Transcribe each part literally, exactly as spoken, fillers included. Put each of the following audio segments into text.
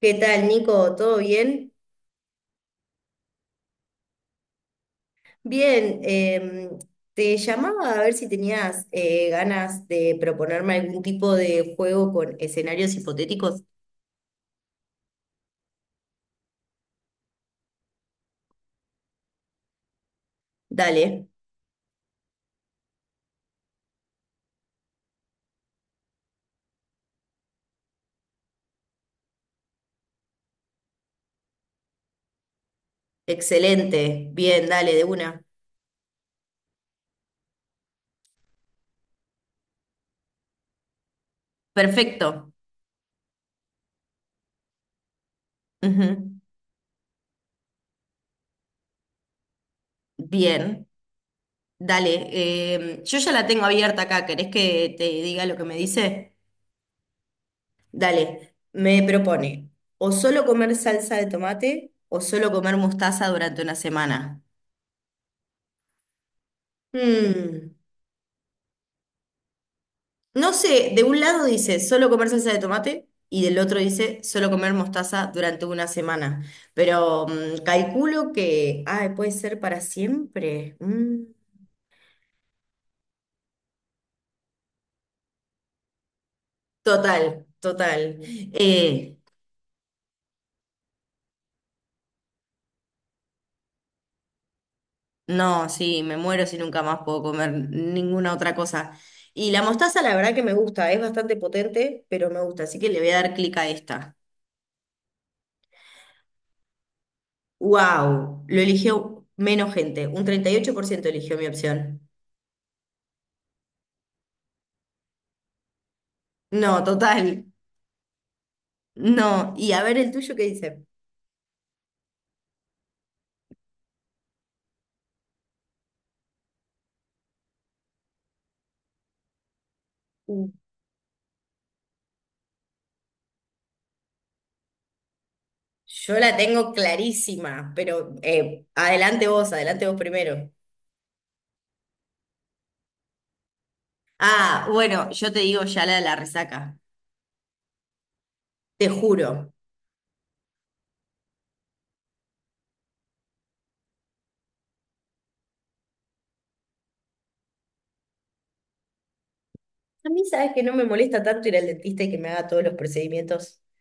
¿Qué tal, Nico? ¿Todo bien? Bien, em, te llamaba a ver si tenías eh, ganas de proponerme algún tipo de juego con escenarios hipotéticos. Dale, excelente, bien, dale, de una. Perfecto. Ujú. Bien, dale. em, yo ya la tengo abierta acá, ¿querés que te diga lo que me dice? Dale, me propone o solo comer salsa de tomate o solo comer mostaza durante una semana. Mm. No sé, de un lado dice solo comer salsa de tomate y del otro dice solo comer mostaza durante una semana. Pero mm, calculo que, ay, puede ser para siempre. Mm, total, total. Eh, no, sí, me muero si nunca más puedo comer ninguna otra cosa. Y la mostaza, la verdad que me gusta, es bastante potente, pero me gusta, así que le voy a dar clic a esta. ¡Wow! Lo eligió menos gente, un treinta y ocho por ciento eligió mi opción. No, total. No, y a ver el tuyo qué dice. Mm. Yo la tengo clarísima, pero eh, adelante vos, adelante vos primero. Ah, bueno, yo te digo ya la de la resaca, te juro. A mí sabes que no me molesta tanto ir al dentista y que me haga todos los procedimientos.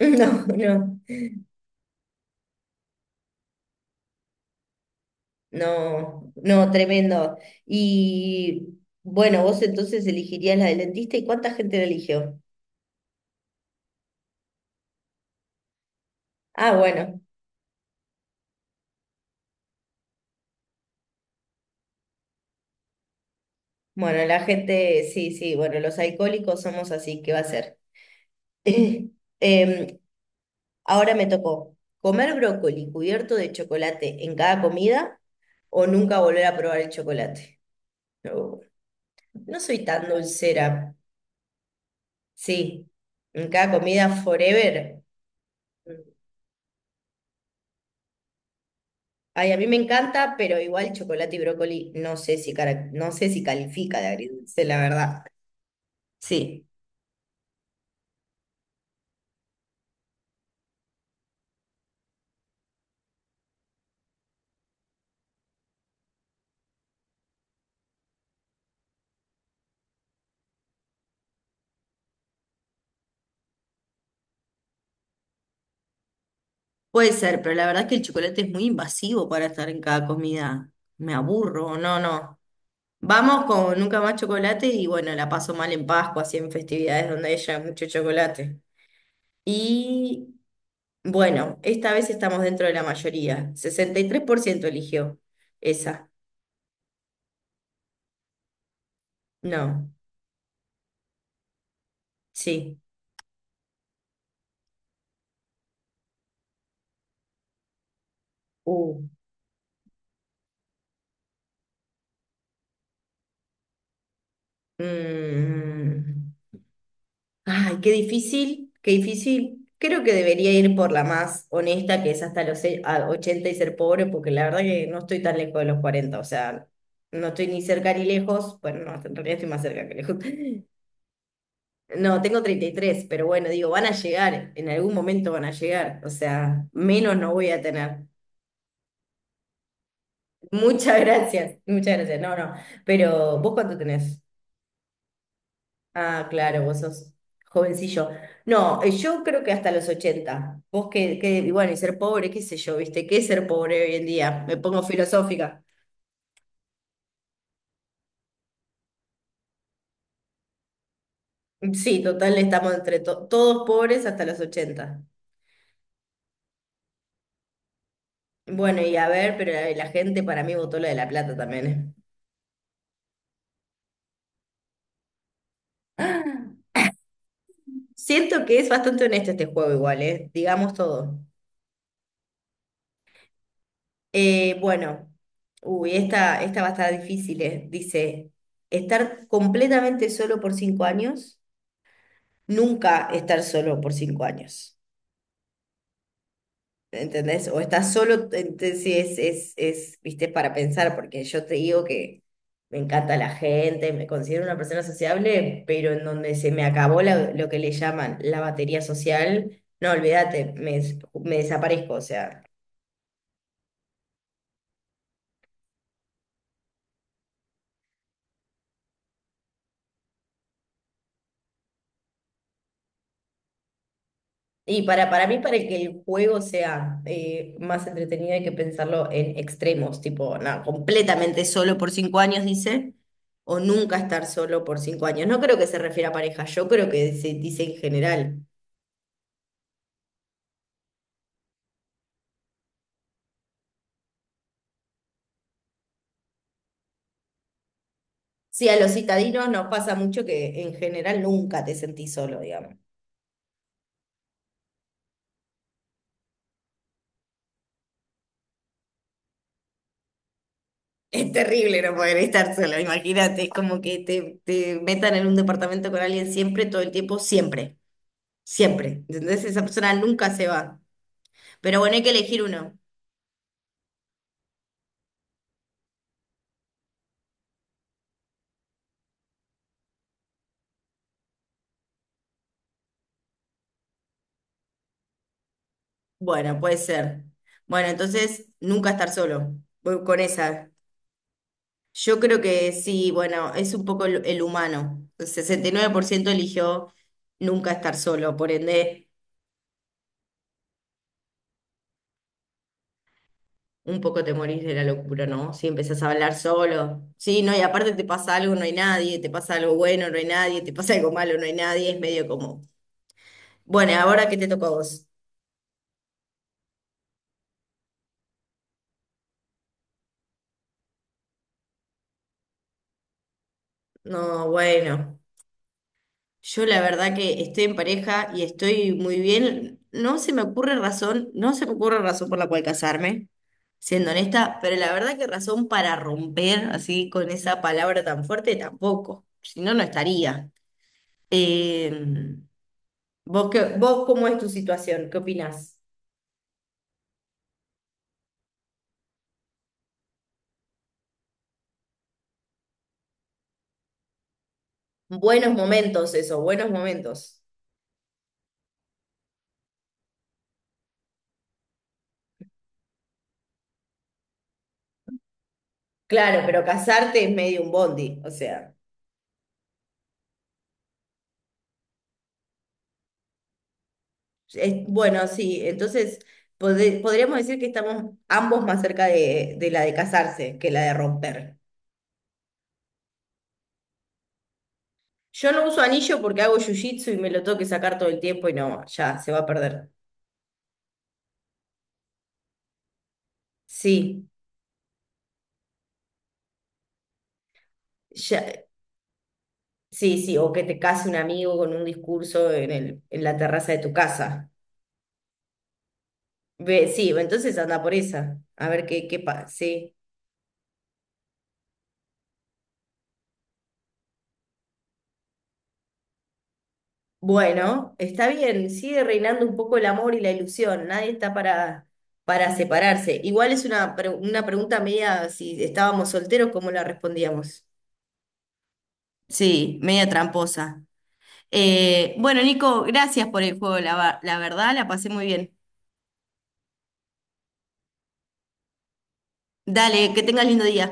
No, no, no, no, tremendo. Y bueno, vos entonces elegirías la del dentista y ¿cuánta gente la eligió? Ah, bueno, bueno, la gente, sí, sí, bueno, los alcohólicos somos así, ¿qué va a ser? Em, Ahora me tocó comer brócoli cubierto de chocolate en cada comida o nunca volver a probar el chocolate. No, no soy tan dulcera. Sí, en cada comida forever. Ay, a mí me encanta, pero igual chocolate y brócoli no sé si, cara- no sé si califica de agridulce, la verdad. Sí, puede ser, pero la verdad es que el chocolate es muy invasivo para estar en cada comida. Me aburro, no, no. Vamos con Nunca Más Chocolate y bueno, la paso mal en Pascua, así en festividades donde haya mucho chocolate. Y bueno, esta vez estamos dentro de la mayoría. Sesenta y tres por ciento eligió esa. No, sí. Uh. Mm. Ay, qué difícil, qué difícil. Creo que debería ir por la más honesta, que es hasta los e- a ochenta y ser pobre, porque la verdad que no estoy tan lejos de los cuarenta, o sea, no estoy ni cerca ni lejos. Bueno, no, en realidad estoy más cerca que lejos. No, tengo treinta y tres, pero bueno, digo, van a llegar, en algún momento van a llegar, o sea, menos no voy a tener. Muchas gracias, muchas gracias, no, no, pero ¿vos cuánto tenés? Ah, claro, vos sos jovencillo. No, eh, yo creo que hasta los ochenta. Vos que, que, y bueno, y ser pobre, qué sé yo, ¿viste? ¿Qué es ser pobre hoy en día? Me pongo filosófica. Sí, total, estamos entre to- todos pobres hasta los ochenta. Bueno, y a ver, pero la, la gente para mí votó la de La Plata también, ¿eh? Siento que es bastante honesto este juego igual, ¿eh? Digamos todo. Eh, bueno, uy, esta, esta va a estar difícil, ¿eh? Dice, estar completamente solo por cinco años, nunca estar solo por cinco años. ¿Entendés? O estás solo, entonces sí, es, es, es, viste, para pensar, porque yo te digo que me encanta la gente, me considero una persona sociable, pero en donde se me acabó la- lo que le llaman la batería social, no, olvídate, me, des- me desaparezco, o sea. Y para, para mí, para que el juego sea eh, más entretenido, hay que pensarlo en extremos, tipo, nada, completamente solo por cinco años, dice, o nunca estar solo por cinco años. No creo que se refiera a pareja, yo creo que se dice en general. Sí, a los citadinos nos pasa mucho que en general nunca te sentís solo, digamos. Es terrible no poder estar solo, imagínate, es como que te, te metan en un departamento con alguien siempre, todo el tiempo, siempre, siempre. ¿Entendés? Esa persona nunca se va. Pero bueno, hay que elegir uno. Bueno, puede ser. Bueno, entonces nunca estar solo. Voy con esa. Yo creo que sí, bueno, es un poco el, el humano. El sesenta y nueve por ciento eligió nunca estar solo, por ende, un poco te morís de la locura, ¿no? Si empezás a hablar solo. Sí, no, y aparte te pasa algo, no hay nadie, te pasa algo bueno, no hay nadie, te pasa algo malo, no hay nadie, es medio como. Bueno, ahora qué te tocó a vos. No, bueno. Yo la verdad que estoy en pareja y estoy muy bien. No se me ocurre razón, no se me ocurre razón por la cual casarme, siendo honesta, pero la verdad que razón para romper así con esa palabra tan fuerte tampoco. Si no, no estaría. Eh, ¿vos qué- vos cómo es tu situación? ¿Qué opinás? Buenos momentos, eso, buenos momentos. Claro, pero casarte es medio un bondi, o sea. Es- bueno, sí, entonces pode- podríamos decir que estamos ambos más cerca de, de la de casarse que la de romper. Yo no uso anillo porque hago jiu-jitsu y me lo tengo que sacar todo el tiempo y no, ya se va a perder. Sí, ya, sí, sí, o que te case un amigo con un discurso en el, en la terraza de tu casa. Ve, sí, entonces anda por esa, a ver qué, qué pasa. Bueno, está bien, sigue reinando un poco el amor y la ilusión, nadie está para, para separarse. Igual es una, pre- una pregunta media, si estábamos solteros, ¿cómo la respondíamos? Sí, media tramposa. Eh, bueno, Nico, gracias por el juego, la, va- la verdad, la pasé muy bien. Dale, que tengas lindo día.